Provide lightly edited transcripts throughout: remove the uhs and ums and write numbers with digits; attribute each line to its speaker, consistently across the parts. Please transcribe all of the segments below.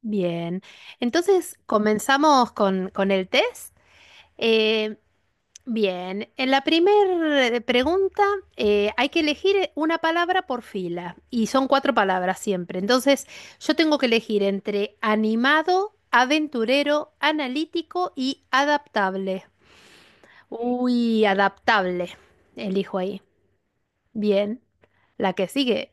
Speaker 1: Bien, entonces comenzamos con el test. Eh, bien, en la primera pregunta hay que elegir una palabra por fila y son cuatro palabras siempre. Entonces yo tengo que elegir entre animado, aventurero, analítico y adaptable. Uy, adaptable. Elijo ahí. Bien, la que sigue.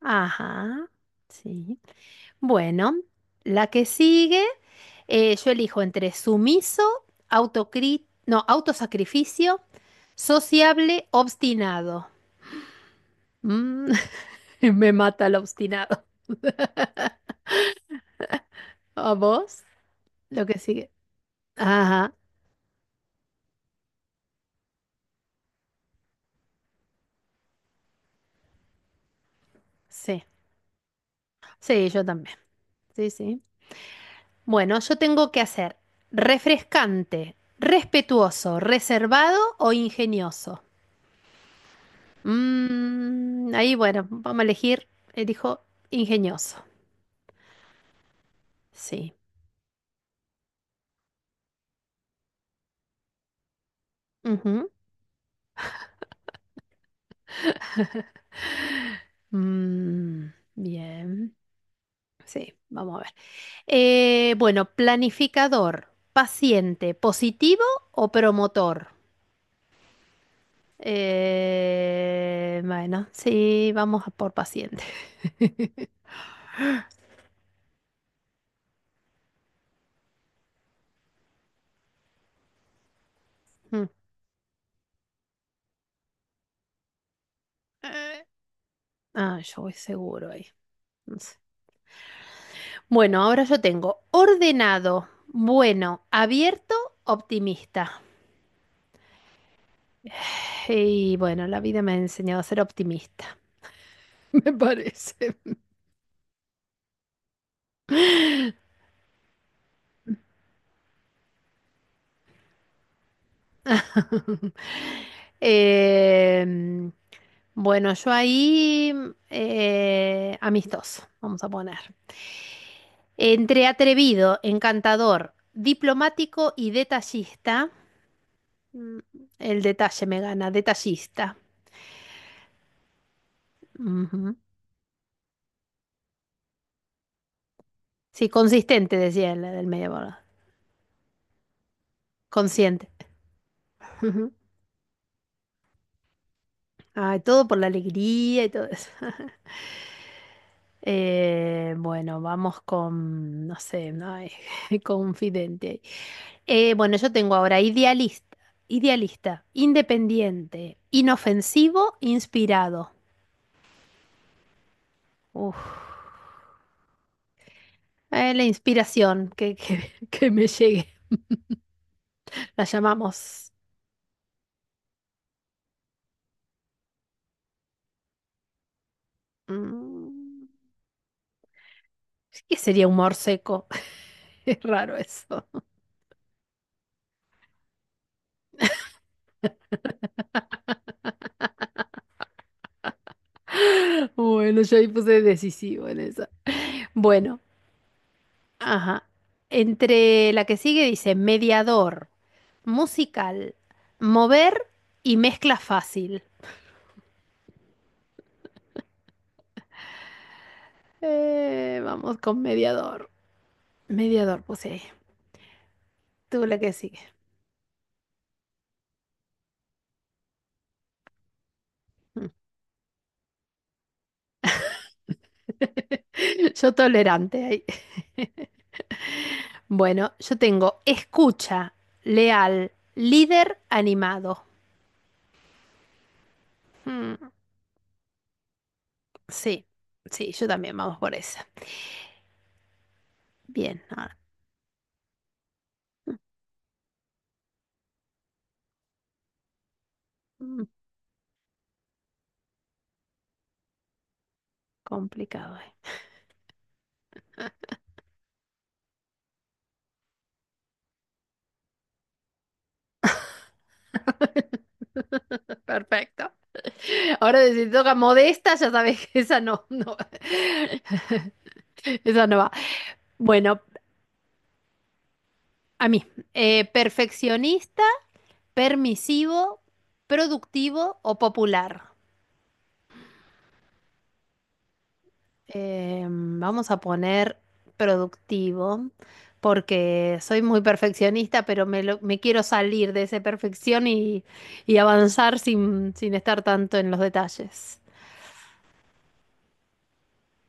Speaker 1: Ajá, sí. Bueno, la que sigue, yo elijo entre sumiso, no, autosacrificio, sociable, obstinado. Mm, me mata el obstinado. ¿A vos? Lo que sigue. Ajá, sí. Sí, yo también. Sí, sí. Bueno, yo tengo que hacer refrescante, respetuoso, reservado o ingenioso. Ahí, bueno, vamos a elegir, elijo ingenioso. Sí. Ujú. Mm, bien. Sí, vamos a ver. Bueno, planificador, paciente, positivo o promotor. Bueno, sí, vamos a por paciente. Mm. Eh. Ah, yo voy seguro ahí. No sé. Bueno, ahora yo tengo ordenado, bueno, abierto, optimista. Y bueno, la vida me ha enseñado a ser optimista, me parece. Em, bueno, yo ahí amistoso, vamos a poner. Entre atrevido, encantador, diplomático y detallista. mm, El detalle me gana, detallista. Ujú. Sí, consistente, decía el del medio, ¿verdad? Consciente. Ujú. Ay, todo por la alegría y todo eso. Bueno, vamos con, no sé, no ay, confidente. Bueno, yo tengo ahora idealista, idealista, independiente, inofensivo, inspirado. Uf, la inspiración que me llegue, la llamamos. mm, ¿Qué sería humor seco? Es raro eso. Bueno, yo ahí puse decisivo en esa. Bueno, ajá. Entre la que sigue dice mediador, musical, mover y mezcla fácil. Vamos con mediador. Mediador, puse. Tú, la que sigue. Yo tolerante ahí. Bueno, yo tengo escucha, leal, líder animado. Mm, sí, sí, yo también vamos por esa. Bien, ahora. Mm, complicado. Perfecto. Ahora si te toca modesta, ya sabes que esa no, no. Esa no va. Bueno, a mí, perfeccionista, permisivo, productivo o popular. Vamos a poner productivo porque soy muy perfeccionista, pero me quiero salir de esa perfección y avanzar sin, sin estar tanto en los detalles.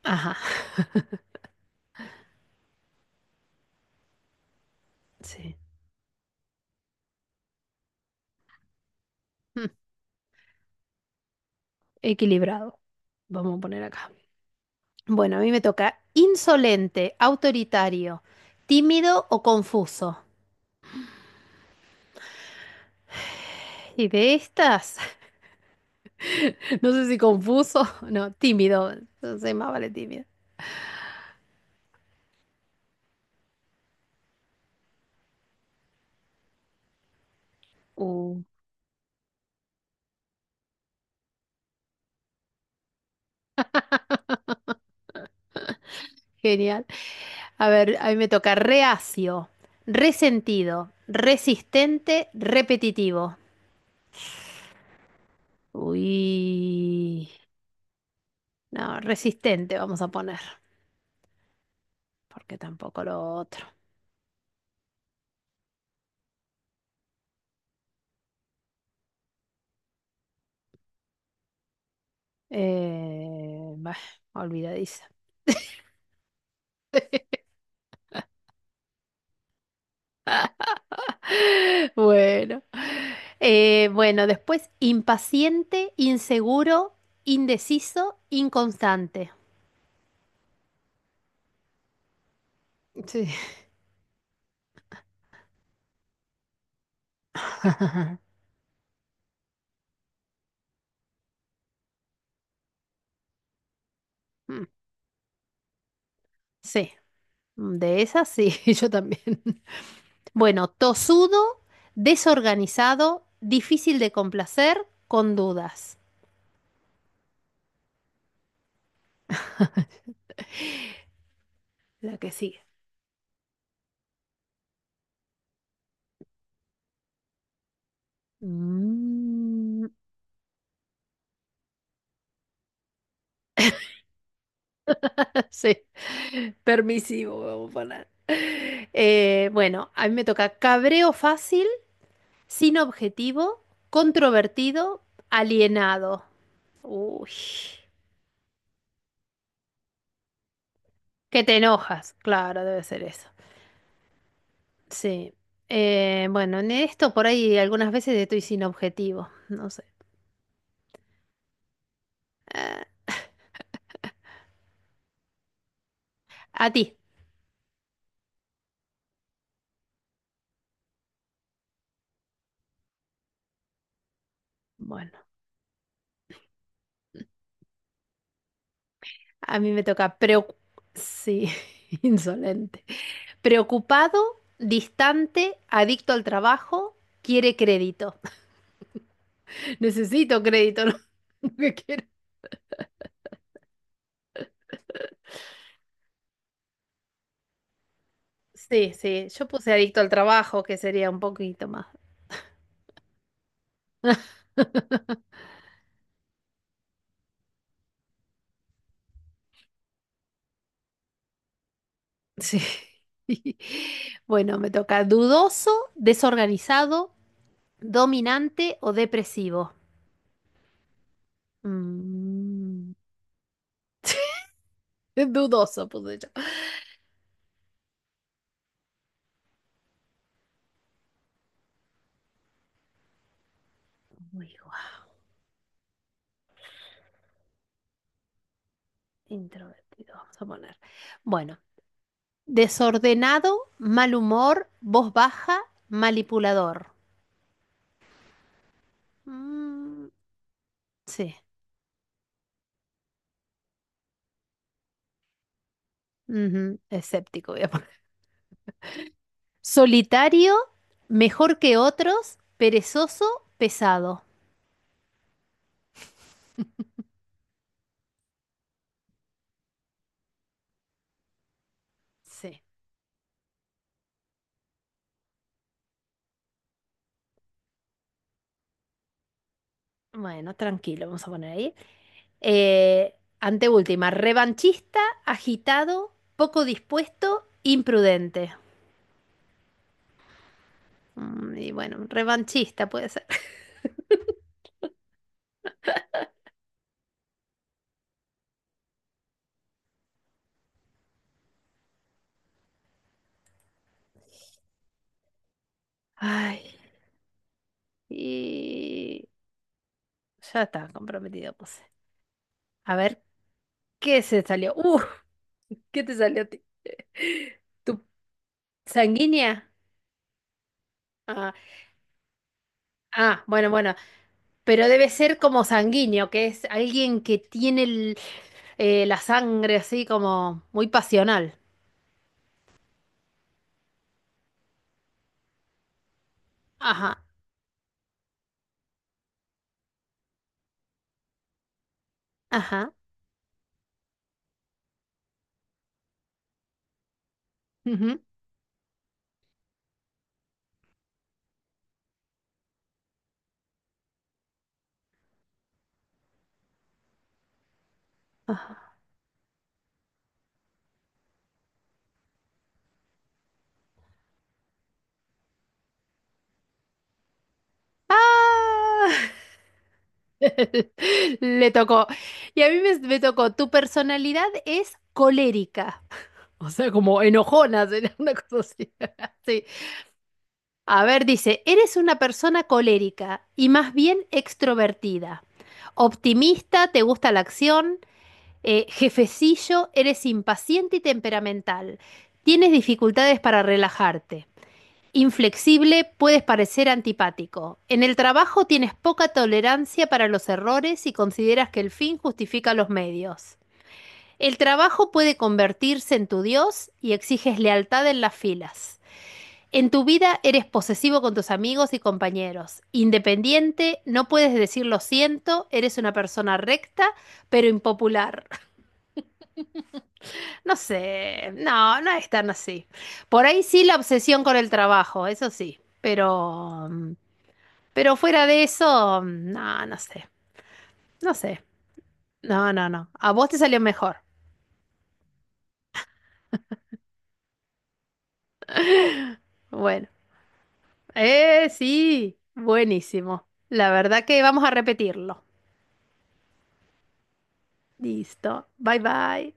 Speaker 1: Ajá, sí. Mm, Equilibrado. Vamos a poner acá. Bueno, a mí me toca insolente, autoritario, tímido o confuso. Y de estas, no sé si confuso, no, tímido, no sé, más vale tímido. Uh, Genial. A ver, a mí me toca reacio, resentido, resistente, repetitivo. Uy, no, resistente vamos a poner, porque tampoco lo otro. Bah, olvidadiza. Bueno. Bueno, después impaciente, inseguro, indeciso, inconstante. Sí. Mm, sí, de esas sí, yo también. Bueno, tosudo, desorganizado, difícil de complacer, con dudas. La que sigue. Mm, sí, permisivo, vamos a poner. Bueno, a mí me toca cabreo fácil, sin objetivo, controvertido, alienado. Uy, que te enojas, claro, debe ser eso. Sí. Bueno, en esto por ahí algunas veces estoy sin objetivo, no sé. Eh, a ti. Bueno. A mí me toca preocu-. Sí, insolente. Preocupado, distante, adicto al trabajo, quiere crédito. Necesito crédito, ¿no? Lo que quiero. Sí, sí, yo puse adicto al trabajo, que sería un poquito más. Sí. Bueno, me toca dudoso, desorganizado, dominante o depresivo. Mm, dudoso puse yo. Uy, introvertido, vamos a poner. Bueno, desordenado, mal humor, voz baja, manipulador. Mm, sí, ujú, escéptico, voy a poner. Solitario, mejor que otros, perezoso, pesado. Sí, bueno, tranquilo, vamos a poner ahí. Eh, Anteúltima, revanchista, agitado, poco dispuesto, imprudente. Y bueno, revanchista puede ser. Ay, y ya está, comprometido, puse. A ver, ¿qué se salió? ¿Qué te salió a ti? ¿Tu sanguínea? Ah, ah, bueno, bueno. Pero debe ser como sanguíneo, que es alguien que tiene la sangre así como muy pasional. Ajá, ajá. Ujú, ajá. ¡Ah! Le tocó. Y a mí me tocó. Tu personalidad es colérica. O sea, como enojona, será una cosa así. Sí. A ver, dice, eres una persona colérica y más bien extrovertida. Optimista, te gusta la acción, jefecillo, eres impaciente y temperamental. Tienes dificultades para relajarte. Inflexible, puedes parecer antipático. En el trabajo tienes poca tolerancia para los errores y consideras que el fin justifica los medios. El trabajo puede convertirse en tu Dios y exiges lealtad en las filas. En tu vida eres posesivo con tus amigos y compañeros, independiente, no puedes decir lo siento, eres una persona recta, pero impopular. No sé, no, no es tan así. Por ahí sí la obsesión con el trabajo, eso sí, pero fuera de eso, no, no sé, no sé, no, no, no. A vos te salió mejor. Bueno, sí, buenísimo. La verdad que vamos a repetirlo. Listo, bye bye.